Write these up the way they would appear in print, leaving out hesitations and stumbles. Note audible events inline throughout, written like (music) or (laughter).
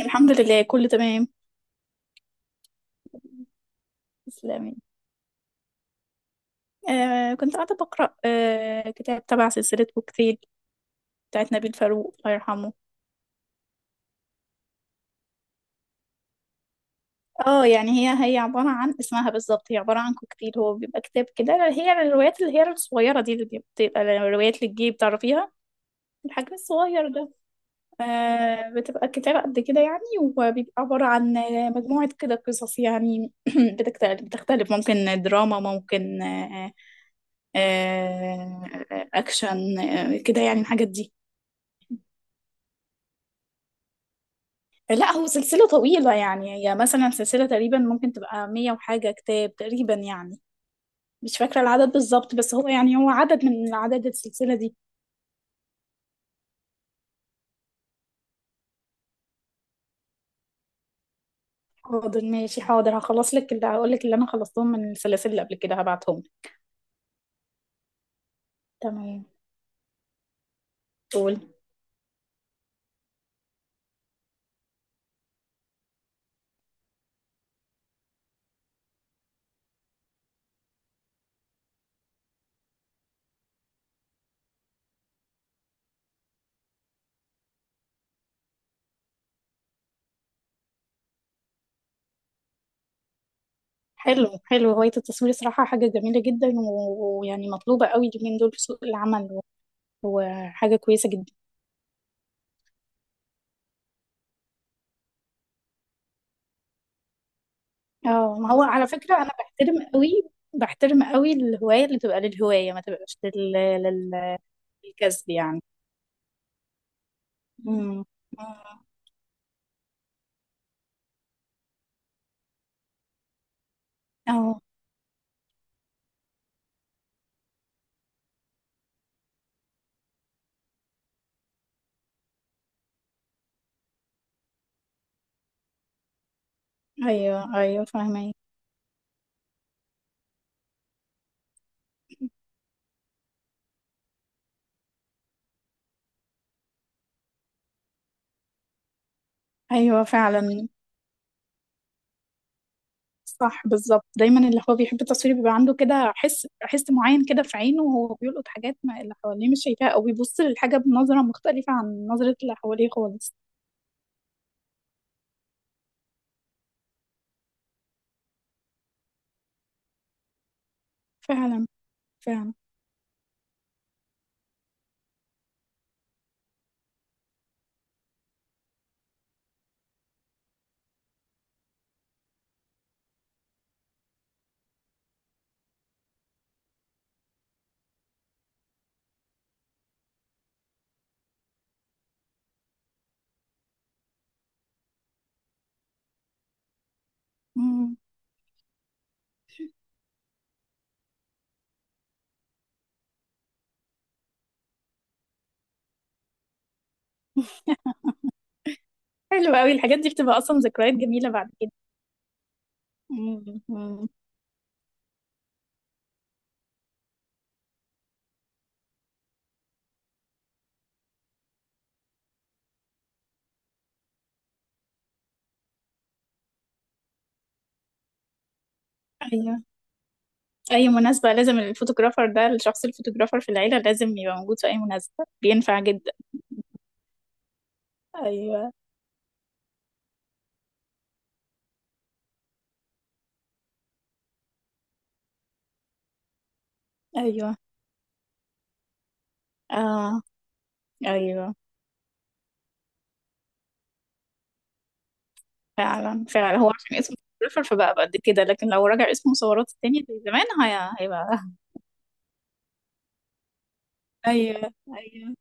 الحمد لله، كله تمام. تسلمي. آه، كنت قاعدة بقرأ كتاب تبع سلسلة كوكتيل بتاعت نبيل فاروق، الله يرحمه. اه يعني هي عبارة عن، اسمها بالظبط هي عبارة عن كوكتيل. هو بيبقى كتاب كده، هي الروايات اللي هي الصغيرة دي، اللي بتبقى الروايات للجيب، تعرفيها؟ الحجم الصغير ده. بتبقى كتاب قد كده يعني، وبيبقى عبارة عن مجموعة كده قصص يعني. (clears throat) بتختلف، ممكن دراما، ممكن آه، اكشن، كده يعني الحاجات دي. لا، هو سلسلة طويلة يعني. هي مثلا سلسلة تقريبا ممكن تبقى مية وحاجة كتاب تقريبا يعني. مش فاكرة العدد بالظبط، بس هو يعني هو عدد من عدد السلسلة دي. حاضر ماشي حاضر، هخلص لك. اللي هقول لك اللي انا خلصتهم من السلاسل اللي قبل كده هبعتهم لك. تمام. قول. حلو حلو، هواية التصوير صراحة حاجة جميلة جدا، ويعني مطلوبة قوي اليومين دول في سوق العمل، وحاجة كويسة جدا. اه، ما هو على فكرة انا بحترم قوي الهواية اللي تبقى للهواية، ما تبقاش للكسب يعني. امم. اه. ايوه ايوه، فاهمة. ايوه فعلا. صح، بالظبط. دايما اللي هو بيحب التصوير بيبقى عنده كده حس معين كده في عينه، وهو بيلقط حاجات، ما اللي حواليه مش شايفاها، او بيبص للحاجه بنظره مختلفه عن نظره اللي حواليه خالص. فعلا. فعلا. مم. حلو قوي، الحاجات دي بتبقى اصلا ذكريات جميله بعد كده. مم. مم. أيوه. اي مناسبة لازم الفوتوغرافر ده، الشخص الفوتوغرافر في العيلة لازم يبقى موجود في اي مناسبة، بينفع جدا. ايوه. ايوه. اه، ايوه، فعلا فعلا. هو عشان اسمه فوتوغرافر فبقى قد كده، لكن لو رجع اسمه مصورات التاني زي زمان هيبقى (laughs) ايوه، ايوه.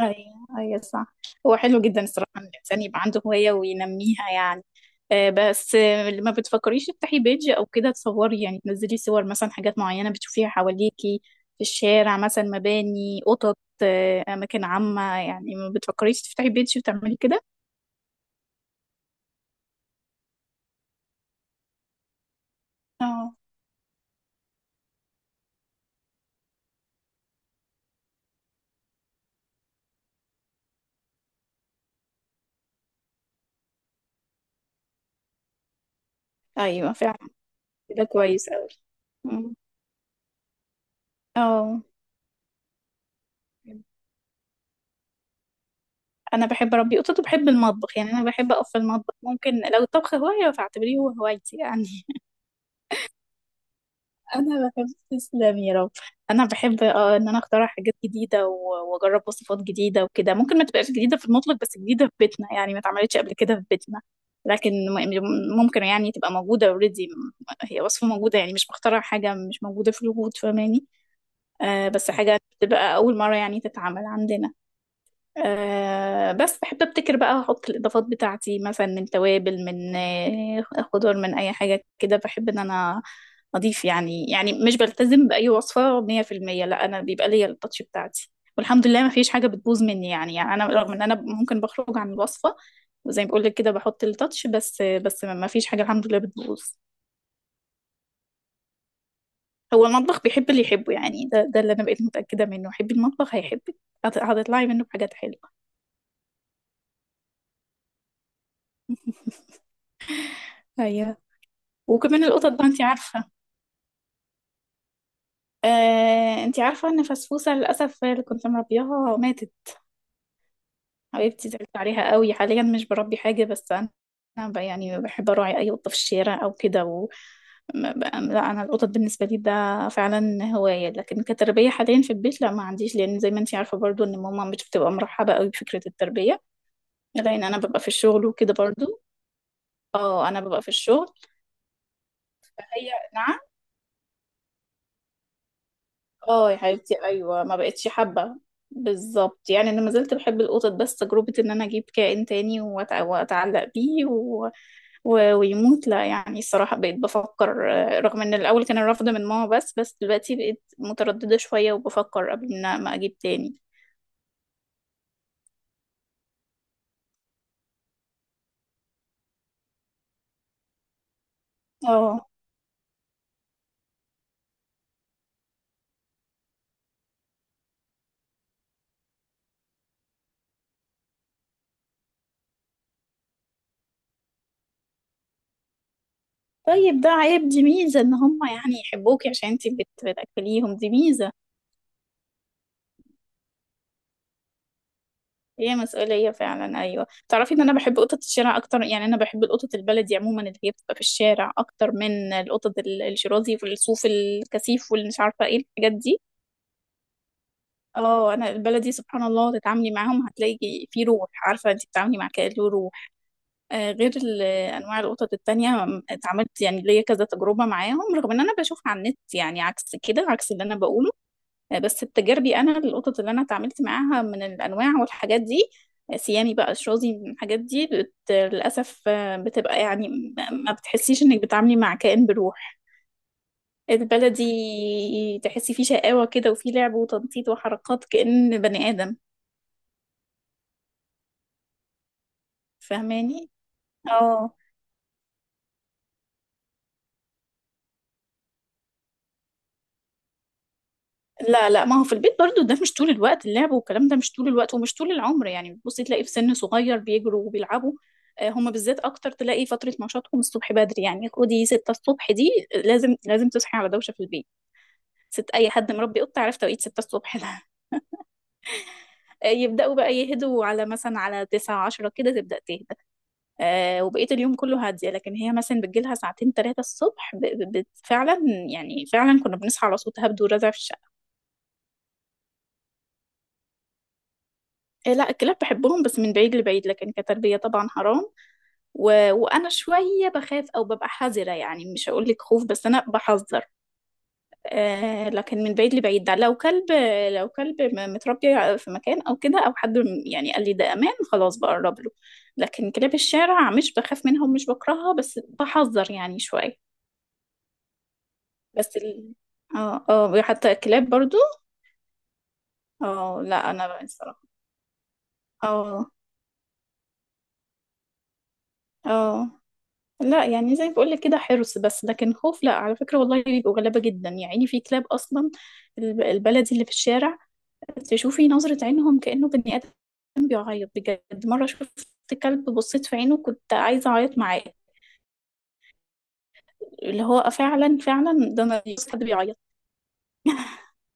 ايوه، ايوه، صح. هو حلو جدا الصراحه، ان الانسان يبقى عنده هوايه وينميها يعني. بس، ما بتفكريش تفتحي بيج او كده؟ تصوري يعني تنزلي صور مثلا حاجات معينه بتشوفيها حواليكي، في الشارع مثلا مباني، قطط، اماكن عامه يعني. ما بتفكريش تفتحي بيج وتعملي كده؟ اه، ايوه فعلا. كده كويس قوي. اه. انا بحب اربي قطط وبحب المطبخ، يعني انا بحب اقف في المطبخ. ممكن لو الطبخ هوايه فاعتبريه هو هوايتي انا. انا بحب، تسلم يا رب. انا بحب ان انا اخترع حاجات جديده واجرب وصفات جديده وكده. ممكن ما تبقاش جديده في المطلق، بس جديده في بيتنا يعني، ما اتعملتش قبل كده في بيتنا. لكن يعني ممكن يعني تبقى موجوده اوريدي، هي وصفه موجوده يعني، مش بخترع حاجه مش موجوده في الوجود، فاهماني؟ بس حاجه تبقى اول مره يعني تتعمل عندنا. بس بحب ابتكر بقى، احط الاضافات بتاعتي مثلا من توابل، من خضار، من اي حاجه كده. بحب ان انا اضيف، يعني مش بلتزم باي وصفه 100%. لا، انا بيبقى ليا التاتش بتاعتي. والحمد لله ما فيش حاجه بتبوظ مني يعني انا رغم ان انا ممكن بخرج عن الوصفه، وزي ما بقول لك كده بحط التاتش، بس ما فيش حاجه الحمد لله بتبوظ. هو المطبخ بيحب اللي يحبه يعني، ده اللي انا بقيت متاكده منه، حبي المطبخ هيحبك، هتطلعي منه بحاجات حلوه. ايوه. وكمان القطط بقى، انت عارفه. انتي عارفة ان فسفوسة للأسف اللي كنت مربياها ماتت. حبيبتي، زعلت عليها قوي. حاليا مش بربي حاجة، بس أنا أنا يعني بحب أراعي أي قطة في الشارع أو كده و ما ب- لا، أنا القطط بالنسبة لي ده فعلا هواية، لكن كتربية حاليا في البيت لا ما عنديش، لأن زي ما انتي عارفة برضو ان ماما مش بتبقى مرحبة قوي بفكرة التربية، لأن أنا ببقى في الشغل وكده برضو. اه، أنا ببقى في الشغل فهي، نعم. اه يا حبيبتي، ايوه ما بقتش حابه. بالظبط يعني، انا ما زلت بحب القطط، بس تجربه ان انا اجيب كائن تاني واتعلق بيه ويموت، لا يعني الصراحه بقيت بفكر. رغم ان الاول كان الرفض من ماما، بس دلوقتي بقيت متردده شويه وبفكر قبل ان ما اجيب تاني. اه، طيب، ده عيب. دي ميزه ان هم يعني يحبوكي عشان انتي بتاكليهم، دي ميزه. هي مسؤولية فعلا، أيوة. تعرفي إن أنا بحب قطط الشارع أكتر، يعني أنا بحب القطط البلدي عموما، اللي هي بتبقى في الشارع، أكتر من القطط الشرازي والصوف الكثيف واللي مش عارفة إيه الحاجات دي. اه، أنا البلدي سبحان الله تتعاملي معاهم هتلاقي في روح، عارفة أنت بتتعاملي مع كائن له روح. غير أنواع القطط التانية، اتعاملت يعني ليا كذا تجربة معاهم، رغم إن أنا بشوفها على النت يعني عكس كده، عكس اللي أنا بقوله. بس بتجاربي انا، القطط اللي انا اتعاملت معاها من الانواع والحاجات دي، سيامي بقى، شرازي، من الحاجات دي للاسف، بتبقى يعني ما بتحسيش انك بتعاملي مع كائن بروح. البلدي تحسي فيه شقاوة كده، وفيه لعب وتنطيط وحركات كأن بني آدم، فاهماني؟ اه. لا، لا، ما هو في البيت برضو ده مش طول الوقت اللعب والكلام، ده مش طول الوقت ومش طول العمر يعني، بتبصي تلاقي في سن صغير بيجروا وبيلعبوا. هما بالذات اكتر تلاقي فترة نشاطهم الصبح بدري يعني، خدي 6 الصبح دي لازم لازم تصحي على دوشة في البيت. ست اي حد مربي قطة عارف توقيت 6 الصبح ده. (laughs) يبدأوا بقى يهدوا على، مثلا على 9 10 كده تبدأ تهدى. وبقية اليوم كله هادية، لكن هي مثلا بتجيلها ساعتين ثلاثة الصبح فعلا، يعني فعلا كنا بنصحى على صوت هبد ورزع في الشقة. لا، الكلاب بحبهم بس من بعيد لبعيد، لكن كتربية طبعا حرام، وأنا شوية بخاف أو ببقى حذرة، يعني مش هقولك خوف، بس أنا بحذر. لكن من بعيد لبعيد، ده لو كلب. متربي في مكان أو كده، أو حد يعني قال لي ده أمان خلاص بقرب له. لكن كلاب الشارع مش بخاف منهم، مش بكرهها بس بحذر يعني شوية. بس ال... اه، اه، حتى الكلاب برضو. اه، لا، أنا بقى الصراحة. اه. اه، لا، يعني زي ما بقولك كده حرص بس، لكن خوف لا على فكرة، والله بيبقوا غلابة جدا يعني، في كلاب أصلا البلدي اللي في الشارع، تشوفي نظرة عينهم كأنه بني آدم، بيعيط بجد. مرة شفت كلب بصيت في عينه كنت عايزة أعيط معاه، اللي هو فعلا فعلا، ده أنا بس حد بيعيط.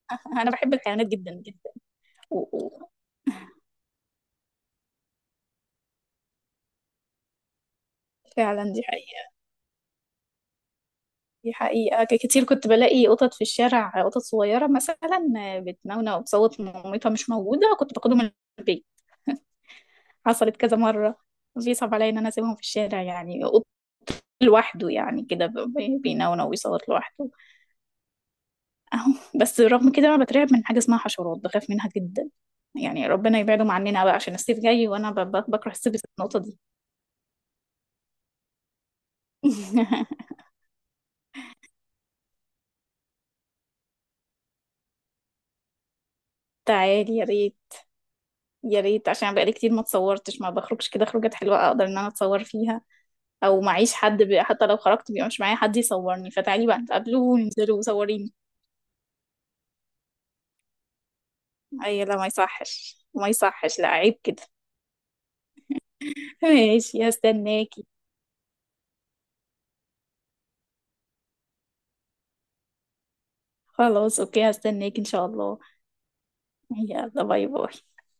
(laughs) أنا بحب الحيوانات جدا جدا و- و- فعلا دي حقيقة، دي حقيقة، كتير كنت بلاقي قطط في الشارع، قطط صغيرة مثلا بتنونة وبصوت مامتها مش موجودة، كنت باخدهم البيت، حصلت كذا مرة. بيصعب عليا ان انا اسيبهم في الشارع، يعني قط لوحده يعني كده بينونو ويصوت لوحده. (laughs) اهو. بس رغم كده انا بترعب من حاجة اسمها حشرات، بخاف منها جدا، يعني ربنا يبعدهم عننا بقى، عشان الصيف جاي وانا بكره الصيف بسبب النقطة دي. (laughs) تعالي يا ريت، يا ريت، عشان بقالي كتير ما اتصورتش، ما بخرجش كده خروجات حلوة اقدر ان انا اتصور فيها، او معيش حد حتى لو خرجت بيبقى مش معايا حد يصورني، فتعالي بقى نتقابلوا وننزلوا وصوريني. اي، لا، ما يصحش ما يصحش، لا عيب كده. ماشي، هستناكي. خلاص اوكي، هستناكي ان شاء الله. يلا، باي باي.